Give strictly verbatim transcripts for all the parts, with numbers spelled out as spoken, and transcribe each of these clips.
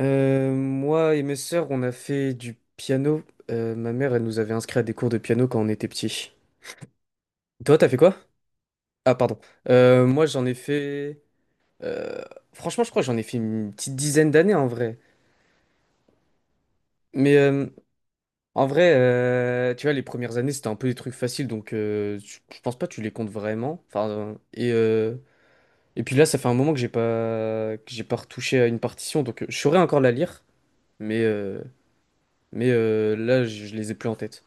Euh, moi et mes sœurs, on a fait du piano. Euh, ma mère, elle nous avait inscrits à des cours de piano quand on était petits. Toi, t'as fait quoi? Ah, pardon. Euh, moi, j'en ai fait. euh, Franchement, je crois que j'en ai fait une petite dizaine d'années en vrai. Mais euh, en vrai, euh, tu vois, les premières années, c'était un peu des trucs faciles, donc euh, je je pense pas que tu les comptes vraiment. Enfin, euh, et, euh, et puis là, ça fait un moment que j'ai pas que j'ai pas retouché à une partition, donc euh, je saurais encore la lire, mais euh, mais euh, là, je je les ai plus en tête.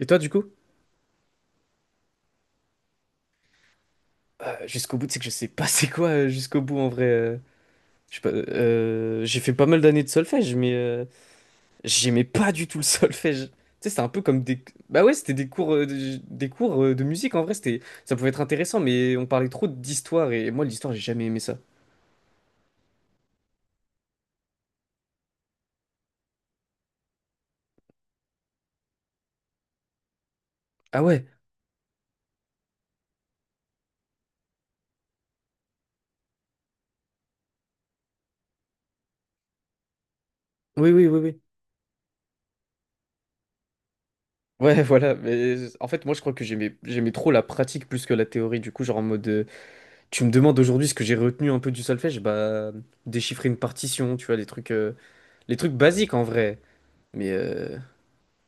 Et toi, du coup? Bah, Jusqu'au bout, c'est que je sais pas c'est quoi euh, jusqu'au bout en vrai. Euh, je sais pas, euh, j'ai fait pas mal d'années de solfège, mais euh, j'aimais pas du tout le solfège. Tu sais, c'était un peu comme des. Bah ouais, c'était des cours, euh, de- des cours euh, de musique en vrai, c'était. Ça pouvait être intéressant, mais on parlait trop d'histoire et moi, l'histoire, j'ai jamais aimé ça. Ah ouais, oui, oui, oui, oui. Ouais, voilà, mais en fait, moi, je crois que j'aimais j'aimais trop la pratique plus que la théorie. Du coup, genre en mode, euh, tu me demandes aujourd'hui ce que j'ai retenu un peu du solfège, bah, déchiffrer une partition, tu vois, les trucs, euh, les trucs basiques en vrai. Mais euh,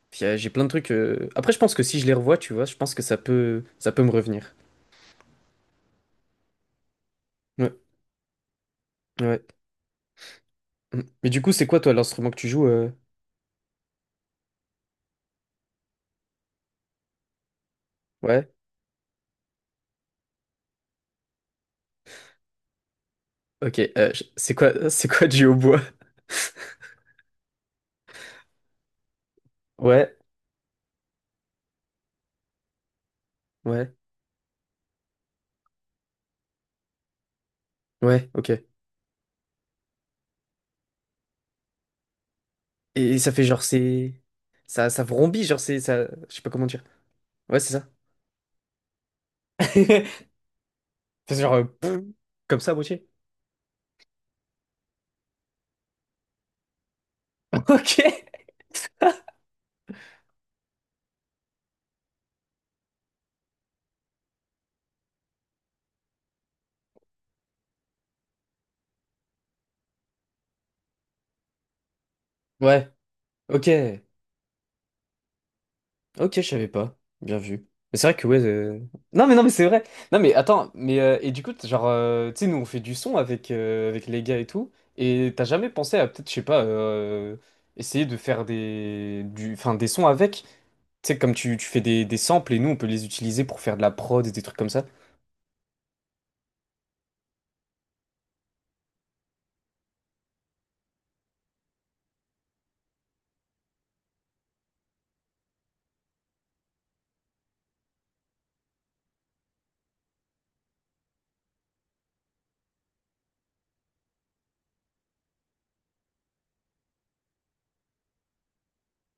puis, euh, j'ai plein de trucs. euh, Après, je pense que si je les revois, tu vois, je pense que ça peut, ça peut me revenir. Ouais, ouais. Mm. Mais du coup, c'est quoi toi l'instrument que tu joues euh, Ouais. Ok. Euh, je- c'est quoi, c'est quoi du hautbois? Ouais, ouais, ouais. Ok. Et ça fait genre c'est, ça, ça vrombit, genre c'est, ça, je sais pas comment dire. Ouais, c'est ça. C'est genre euh, pff, comme ça, à moitié. Ok. Ouais. Ok. Ok, je savais pas. Bien vu. Mais c'est vrai que ouais. euh, Non mais non mais c'est vrai. Non mais attends, mais euh, et du coup, t- genre, euh, tu sais, nous on fait du son avec, euh, avec les gars et tout, et t'as jamais pensé à peut-être, je sais pas, euh, essayer de faire des du, enfin, des sons avec. Tu sais, comme tu, tu fais des, des samples et nous on peut les utiliser pour faire de la prod et des trucs comme ça.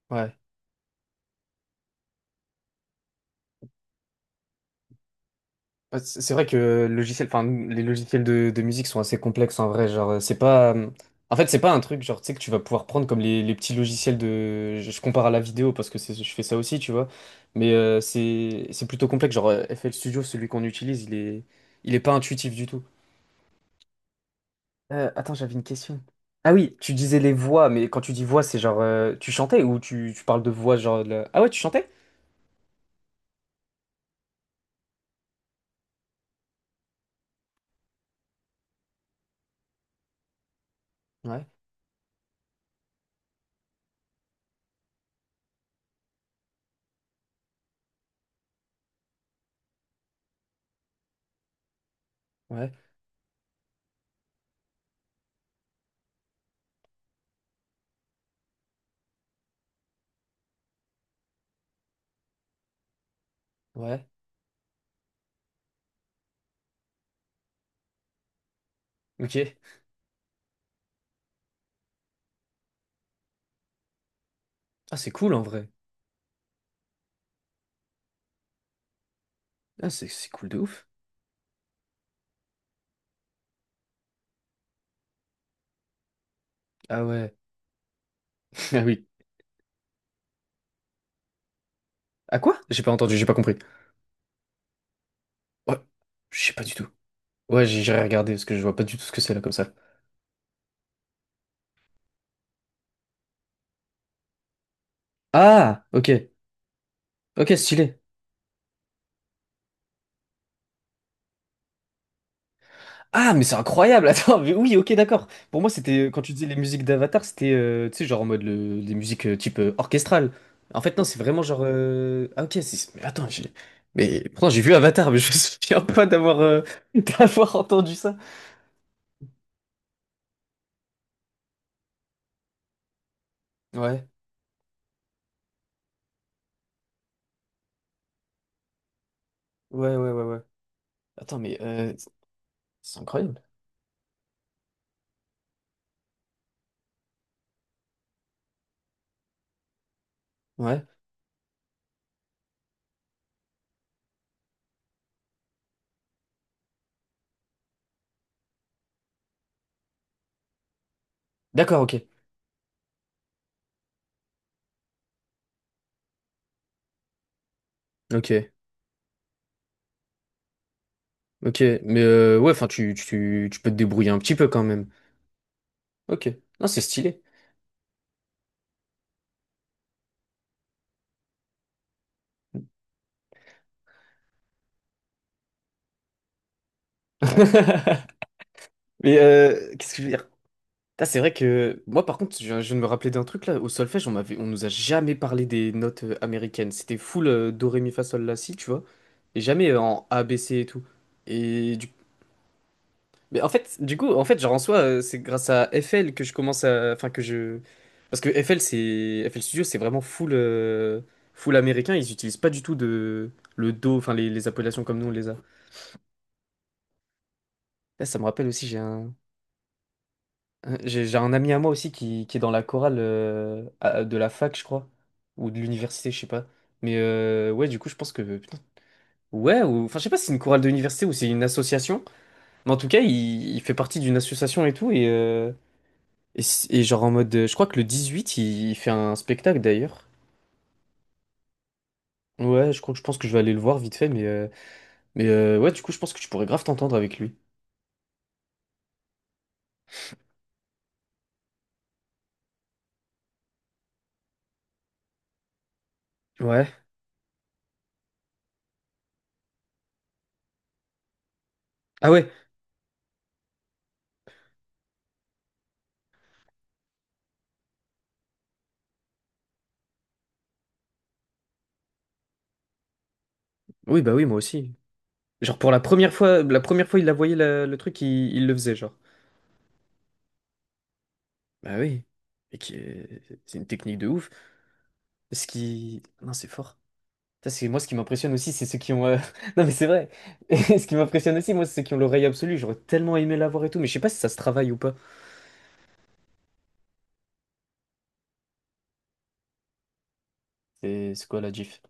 Ouais. Ouais, C'est c'est vrai que le logiciel, enfin, les logiciels de, de musique sont assez complexes en vrai. Genre, euh, c'est pas. euh, En fait, c'est pas un truc, genre, tu sais, que tu vas pouvoir prendre comme les, les petits logiciels de. Je, je compare à la vidéo parce que c'est- je fais ça aussi, tu vois. Mais euh, c'est c'est plutôt complexe. Genre, euh, F L Studio, celui qu'on utilise, il est, il est pas intuitif du tout. Euh, attends, j'avais une question. Ah oui, tu disais les voix, mais quand tu dis voix, c'est genre. Euh, tu chantais ou tu, tu parles de voix, genre. de la- Ah ouais, tu chantais? Ouais, ouais, ouais. Ok. Ah, c'est cool en vrai. Ah, c'est c'est cool de ouf. Ah ouais. Ah oui. À quoi? J'ai pas entendu, j'ai pas compris. Ouais, je sais pas du tout. Ouais, j'ai- j'irai regarder parce que je vois pas du tout ce que c'est là comme ça. Ah, ok. Ok, stylé. Ah, mais c'est incroyable. Attends, mais oui, ok, d'accord. Pour moi, c'était euh, quand tu disais les musiques d'Avatar, c'était euh, tu sais genre en mode le- des musiques euh, type euh, orchestrale. En fait, non, c'est vraiment genre euh, ah ok, c'est- mais attends, j'ai mais pourtant j'ai vu Avatar, mais je me souviens pas d'avoir euh, d'avoir entendu ça. Ouais. Ouais, ouais, ouais, ouais. Attends, mais euh, c'est incroyable. Ouais. D'accord, ok. Ok. Ok, mais euh, ouais, enfin, tu, tu, tu peux te débrouiller un petit peu quand même. Ok, non, c'est stylé. Mais euh, qu'est-ce que je veux dire? Putain, C'est vrai que moi, par contre, je, viens je viens de me rappeler d'un truc là. Au solfège, on m'avait, on nous a jamais parlé des notes euh, américaines. C'était full euh, do, ré, mi, fa, sol, la, si, tu vois. Et jamais euh, en A, B, C et tout. Et du Mais en fait, du coup, en fait, genre en soi, euh, c'est grâce à F L que je commence à, enfin que je, parce que F L c'est F L Studio, c'est vraiment full, euh, full américain. Ils utilisent pas du tout de le dos enfin les, les appellations comme nous on les a. Là, ça me rappelle aussi, j'ai un, un- j'ai j'ai un ami à moi aussi qui, qui est dans la chorale euh, à- de la fac, je crois, ou de l'université, je sais pas. Mais euh, ouais, du coup, je pense que putain, ouais, ou enfin, je sais pas si c'est une chorale de l'université ou c'est une association, mais en tout cas, il, il fait partie d'une association et tout et. euh, Et, c- et genre en mode, euh, je crois que le dix-huit, il, il fait un spectacle d'ailleurs. Ouais, je crois que je pense que je vais aller le voir vite fait, mais euh, mais euh, ouais, du coup, je pense que tu pourrais grave t'entendre avec lui. Ouais. Ah ouais. Oui, bah oui, moi aussi. Genre pour la première fois, la première fois, il la voyait la- le truc, il, il le faisait, genre. Bah oui. Et qui est- c'est une technique de ouf. Ce qui, non, c'est fort. Ça, c'est moi ce qui m'impressionne aussi, c'est ceux qui ont. euh, Non mais c'est vrai. Ce qui m'impressionne aussi, moi, c'est ceux qui ont l'oreille absolue. J'aurais tellement aimé l'avoir et tout, mais je sais pas si ça se travaille ou pas. C'est c'est quoi la gif?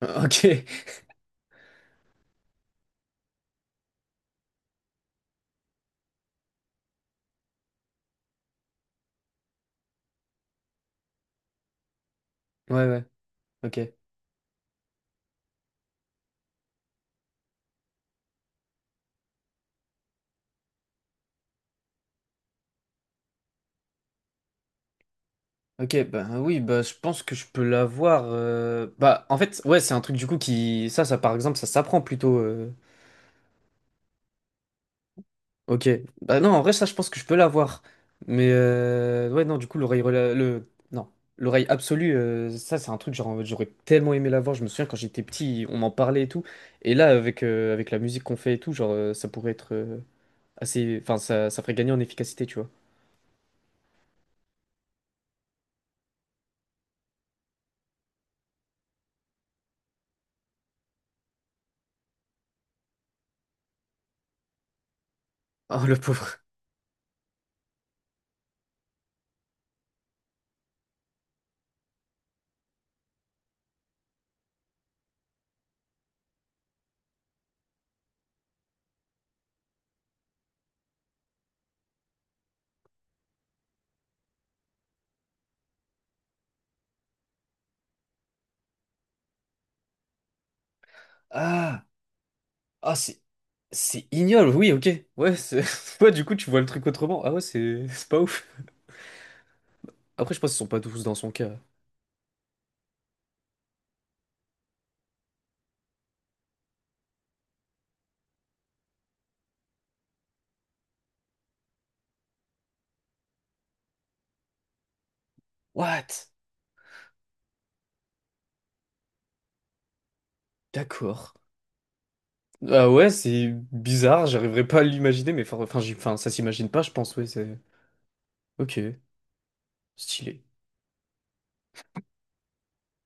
Ok. Ouais, ouais. Ok, ok, bah oui, bah je pense que je peux l'avoir. euh, Bah en fait, ouais, c'est un truc du coup qui. Ça, ça par exemple, ça s'apprend plutôt. euh, Ok, bah non, en vrai, ça, je pense que je peux l'avoir. Mais euh, ouais, non, du coup, l'oreille. rela- Le... Non, l'oreille absolue, euh, ça, c'est un truc, genre, j'aurais tellement aimé l'avoir. Je me souviens quand j'étais petit, on m'en parlait et tout. Et là, avec, euh, avec la musique qu'on fait et tout, genre, euh, ça pourrait être euh, assez. Enfin, ça, ça ferait gagner en efficacité, tu vois. Oh, le pauvre. Ah! Ah, c'est. C'est ignoble, oui, ok. Ouais, c'est. Ouais, du coup, tu vois le truc autrement. Ah ouais, c'est c'est pas ouf. Après, je pense qu'ils sont pas tous dans son cas. What? D'accord. Ah ouais, c'est bizarre, j'arriverai pas à l'imaginer, mais for- enfin, j'y- enfin, ça s'imagine pas, je pense, ouais, c'est. Ok, stylé.